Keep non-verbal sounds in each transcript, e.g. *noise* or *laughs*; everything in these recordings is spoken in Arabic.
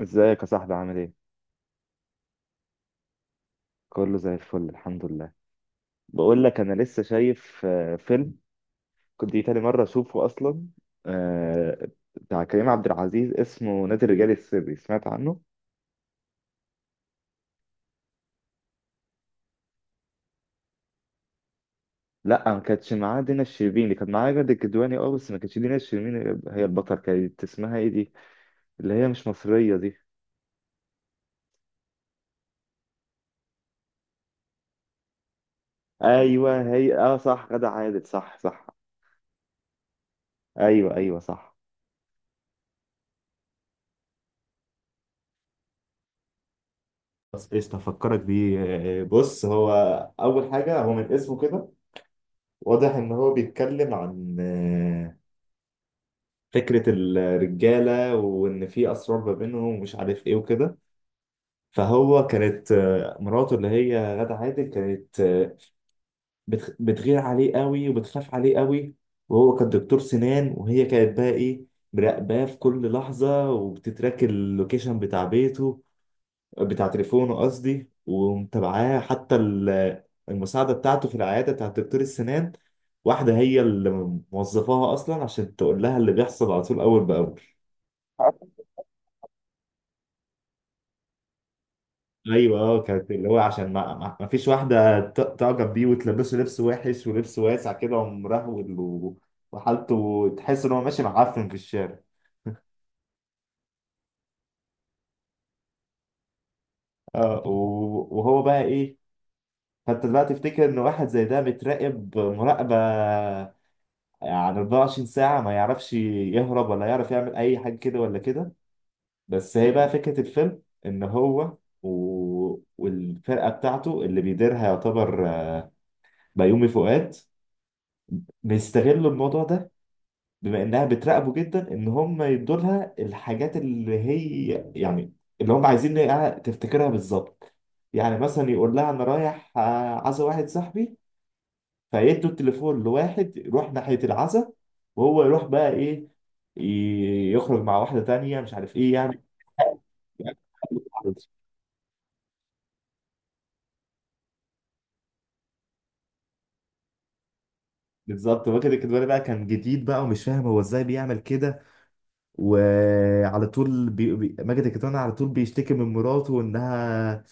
ازيك يا صاحبي عامل ايه؟ كله زي الفل الحمد لله. بقول لك انا لسه شايف فيلم كنت دي تاني مرة اشوفه اصلا. آه، بتاع كريم عبد العزيز اسمه نادي الرجال السري، سمعت عنه؟ لا ما كانتش معاه دينا الشربيني، اللي كان معاه جد الكدواني، اه بس ما كانتش دينا الشربيني. هي البطل كانت اسمها ايه دي؟ اللي هي مش مصرية دي. ايوه هي اه صح، غادة عادل، صح صح. ايوه ايوه صح. بس ايش تفكرك بيه؟ بص، هو اول حاجه هو من اسمه كده واضح إن هو بيتكلم عن فكرة الرجالة وإن في أسرار ما بينهم ومش عارف إيه وكده. فهو كانت مراته اللي هي غادة عادل كانت بتغير عليه قوي وبتخاف عليه قوي. وهو كان دكتور سنان، وهي كانت بقى إيه، مراقباه في كل لحظة وبتتراك اللوكيشن بتاع بيته، بتاع تليفونه قصدي، ومتابعاه حتى المساعدة بتاعته في العيادة بتاع دكتور السنان. واحدة هي اللي موظفاها أصلا عشان تقول لها اللي بيحصل على طول أول بأول. أيوه أه، كانت اللي هو عشان ما فيش واحدة تعجب بيه وتلبسه لبس وحش ولبس واسع كده ومرهول وحالته تحس إن هو ماشي معفن في الشارع. اه وهو بقى إيه، فأنت دلوقتي تفتكر إن واحد زي ده بيتراقب مراقبة، يعني 24 ساعة ما يعرفش يهرب ولا يعرف يعمل أي حاجة كده ولا كده. بس هي بقى فكرة الفيلم إن هو و... والفرقة بتاعته اللي بيديرها، يعتبر بيومي فؤاد، بيستغلوا الموضوع ده. بما إنها بتراقبه جدا، إن هم يدوا لها الحاجات اللي هي يعني اللي هم عايزين إنها تفتكرها بالظبط. يعني مثلا يقول لها أنا رايح عزا واحد صاحبي، فيدوا التليفون لواحد يروح ناحية العزا، وهو يروح بقى ايه، يخرج مع واحدة تانية مش عارف ايه يعني. *laughs* بالظبط، هو كده كده بقى كان جديد بقى ومش فاهم هو ازاي بيعمل كده. وعلى طول ماجد الكدواني على طول بيشتكي من مراته انها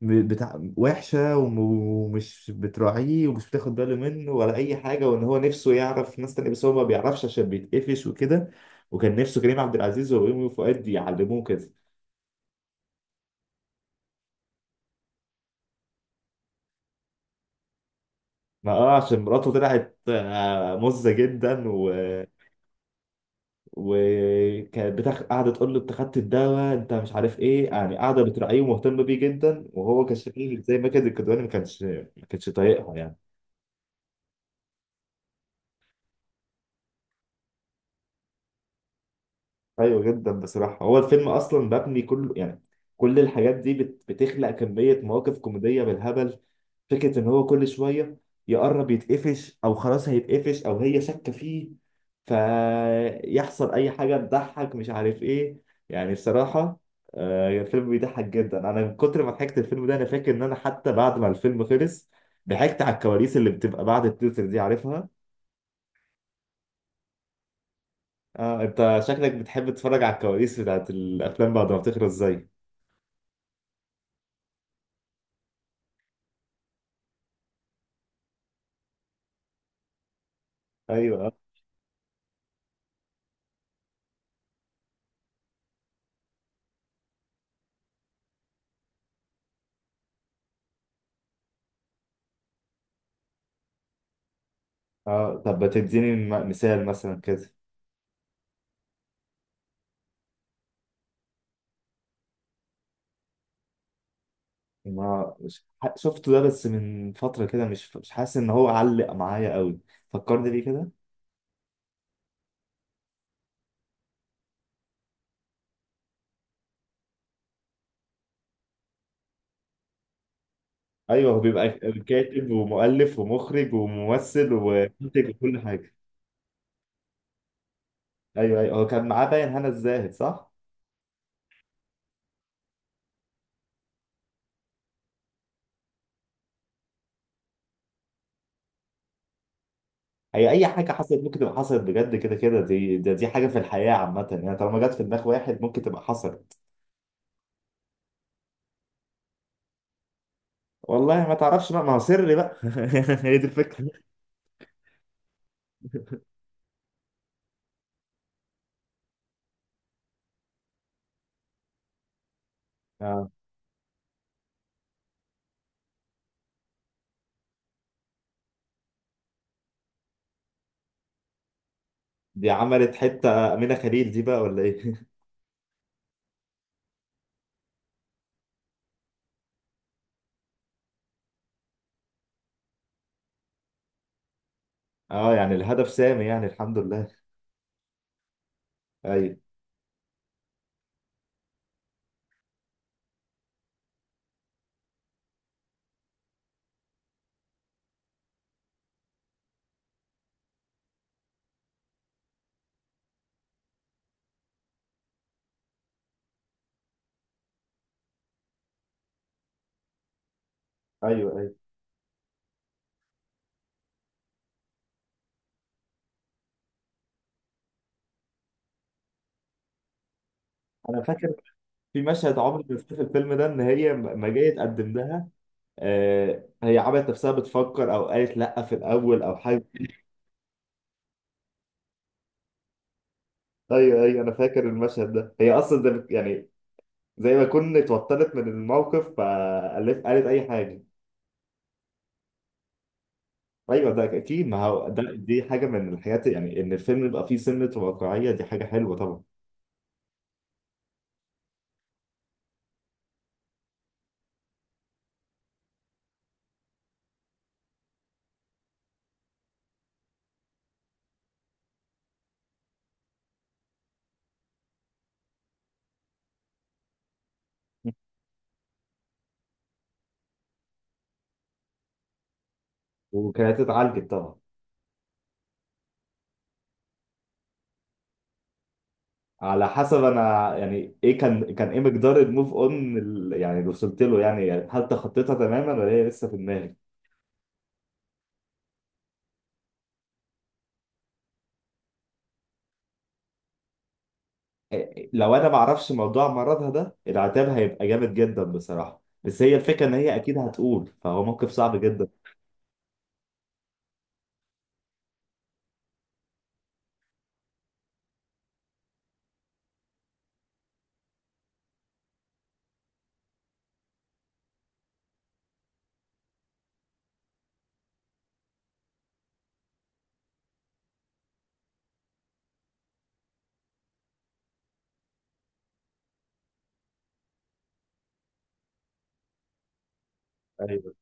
بتاع وحشة ومش بتراعيه ومش بتاخد باله منه ولا أي حاجة، وإن هو نفسه يعرف ناس تانية بس هو ما بيعرفش عشان بيتقفش وكده. وكان نفسه كريم عبد العزيز ويومي فؤاد يعلموه كده. ما اه عشان مراته طلعت مزة جدا وكانت قاعدة تقول له انت خدت الدواء انت مش عارف ايه، يعني قاعدة بتراعيه ومهتمة بيه جدا، وهو كان شكله زي ما كان الكدواني ما كانش طايقها يعني. ايوه جدا بصراحه. هو الفيلم اصلا مبني كله يعني كل الحاجات دي بتخلق كميه مواقف كوميديه بالهبل. فكره ان هو كل شويه يقرب يتقفش او خلاص هيتقفش او هي شاكه فيه، فيحصل اي حاجه تضحك مش عارف ايه يعني. بصراحه الفيلم بيضحك جدا. انا من كتر ما ضحكت الفيلم ده انا فاكر ان انا حتى بعد ما الفيلم خلص ضحكت على الكواليس اللي بتبقى بعد التتر دي، عارفها؟ اه انت شكلك بتحب تتفرج على الكواليس بتاعت الافلام بعد ما بتخلص زي ايوه. اه طب ما تديني مثال مثلا كده. ما شفته ده بس من فترة كده، مش حاسس ان هو علق معايا قوي. فكرني بيه كده. ايوه هو بيبقى كاتب ومؤلف ومخرج وممثل ومنتج وكل حاجة. ايوه ايوه هو كان معاه باين هنا الزاهد صح؟ هي اي حاجة حصلت ممكن تبقى حصلت بجد. كده كده دي ده دي حاجة في الحياة عامة يعني، طالما جت في دماغ واحد ممكن تبقى حصلت. والله ما تعرفش بقى، ما هو سري بقى. *laughs* هي دي الفكرة. اه. دي عملت حتة أمينة خليل دي بقى ولا إيه؟ اه يعني الهدف سامي يعني، الحمد لله. ايوه ايوه. ايوه انا فاكر، في مشهد عمري ما انساه في الفيلم ده ان هي ما جايه تقدم لها. آه هي عملت نفسها بتفكر او قالت لا في الاول او حاجه. ايوه ايوه انا فاكر المشهد ده. هي اصلا ده يعني زي ما كنت اتوترت من الموقف فقالت اي حاجه. ايوه ده اكيد. ما هو ده دي حاجه من الحاجات يعني، ان الفيلم يبقى فيه سنه واقعيه دي حاجه حلوه طبعا. وكانت اتعالجت طبعا. على حسب. انا يعني ايه كان كان ايه مقدار الموف اون يعني اللي وصلت له يعني، هل تخطيتها تماما ولا هي لسه في دماغي؟ إيه، لو انا ما اعرفش موضوع مرضها ده العتاب هيبقى جامد جدا بصراحه، بس هي الفكره ان هي اكيد هتقول، فهو موقف صعب جدا. ايوه.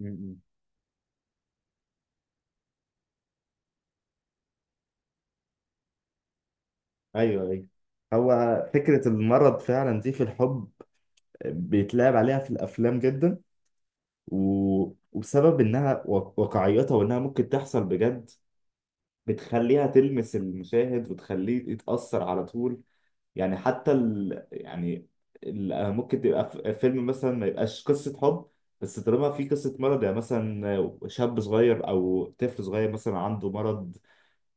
م- م. ايوه ايوه. هو فكره المرض فعلا دي في الحب بيتلعب عليها في الافلام جدا و... وبسبب انها واقعيتها وانها ممكن تحصل بجد بتخليها تلمس المشاهد وتخليه يتأثر على طول. يعني حتى يعني ممكن تبقى فيلم مثلا ما يبقاش قصة حب، بس طالما في قصة مرض، يعني مثلا شاب صغير أو طفل صغير مثلا عنده مرض،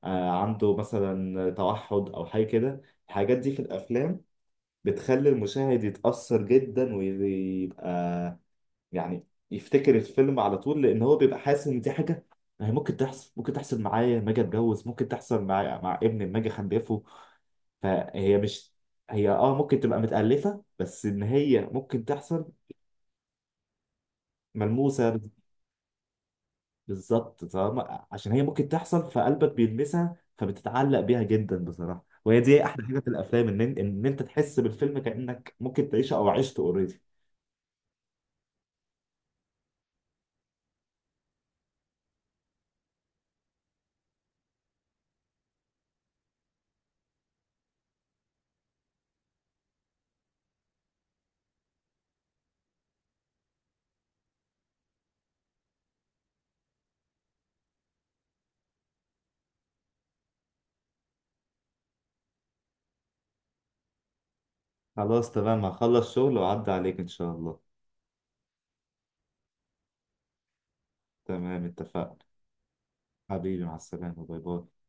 عنده مثلا توحد أو حاجة كده. الحاجات دي في الأفلام بتخلي المشاهد يتأثر جدا ويبقى يعني يفتكر الفيلم على طول، لان هو بيبقى حاسس ان دي حاجه هي ممكن تحصل. ممكن تحصل معايا لما اجي اتجوز، ممكن تحصل مع ابني لما اجي اخلفه. فهي مش، هي اه ممكن تبقى متألفة بس ان هي ممكن تحصل. ملموسة. بالظبط، فاهمة عشان هي ممكن تحصل فقلبك بيلمسها فبتتعلق بيها جدا بصراحة. وهي دي احلى حاجة في الافلام، ان انت تحس بالفيلم كأنك ممكن تعيشه او عشته اوريدي. خلاص تمام، هخلص شغل وأعدي عليك ان شاء الله. تمام اتفقنا. حبيبي مع السلامة، باي باي.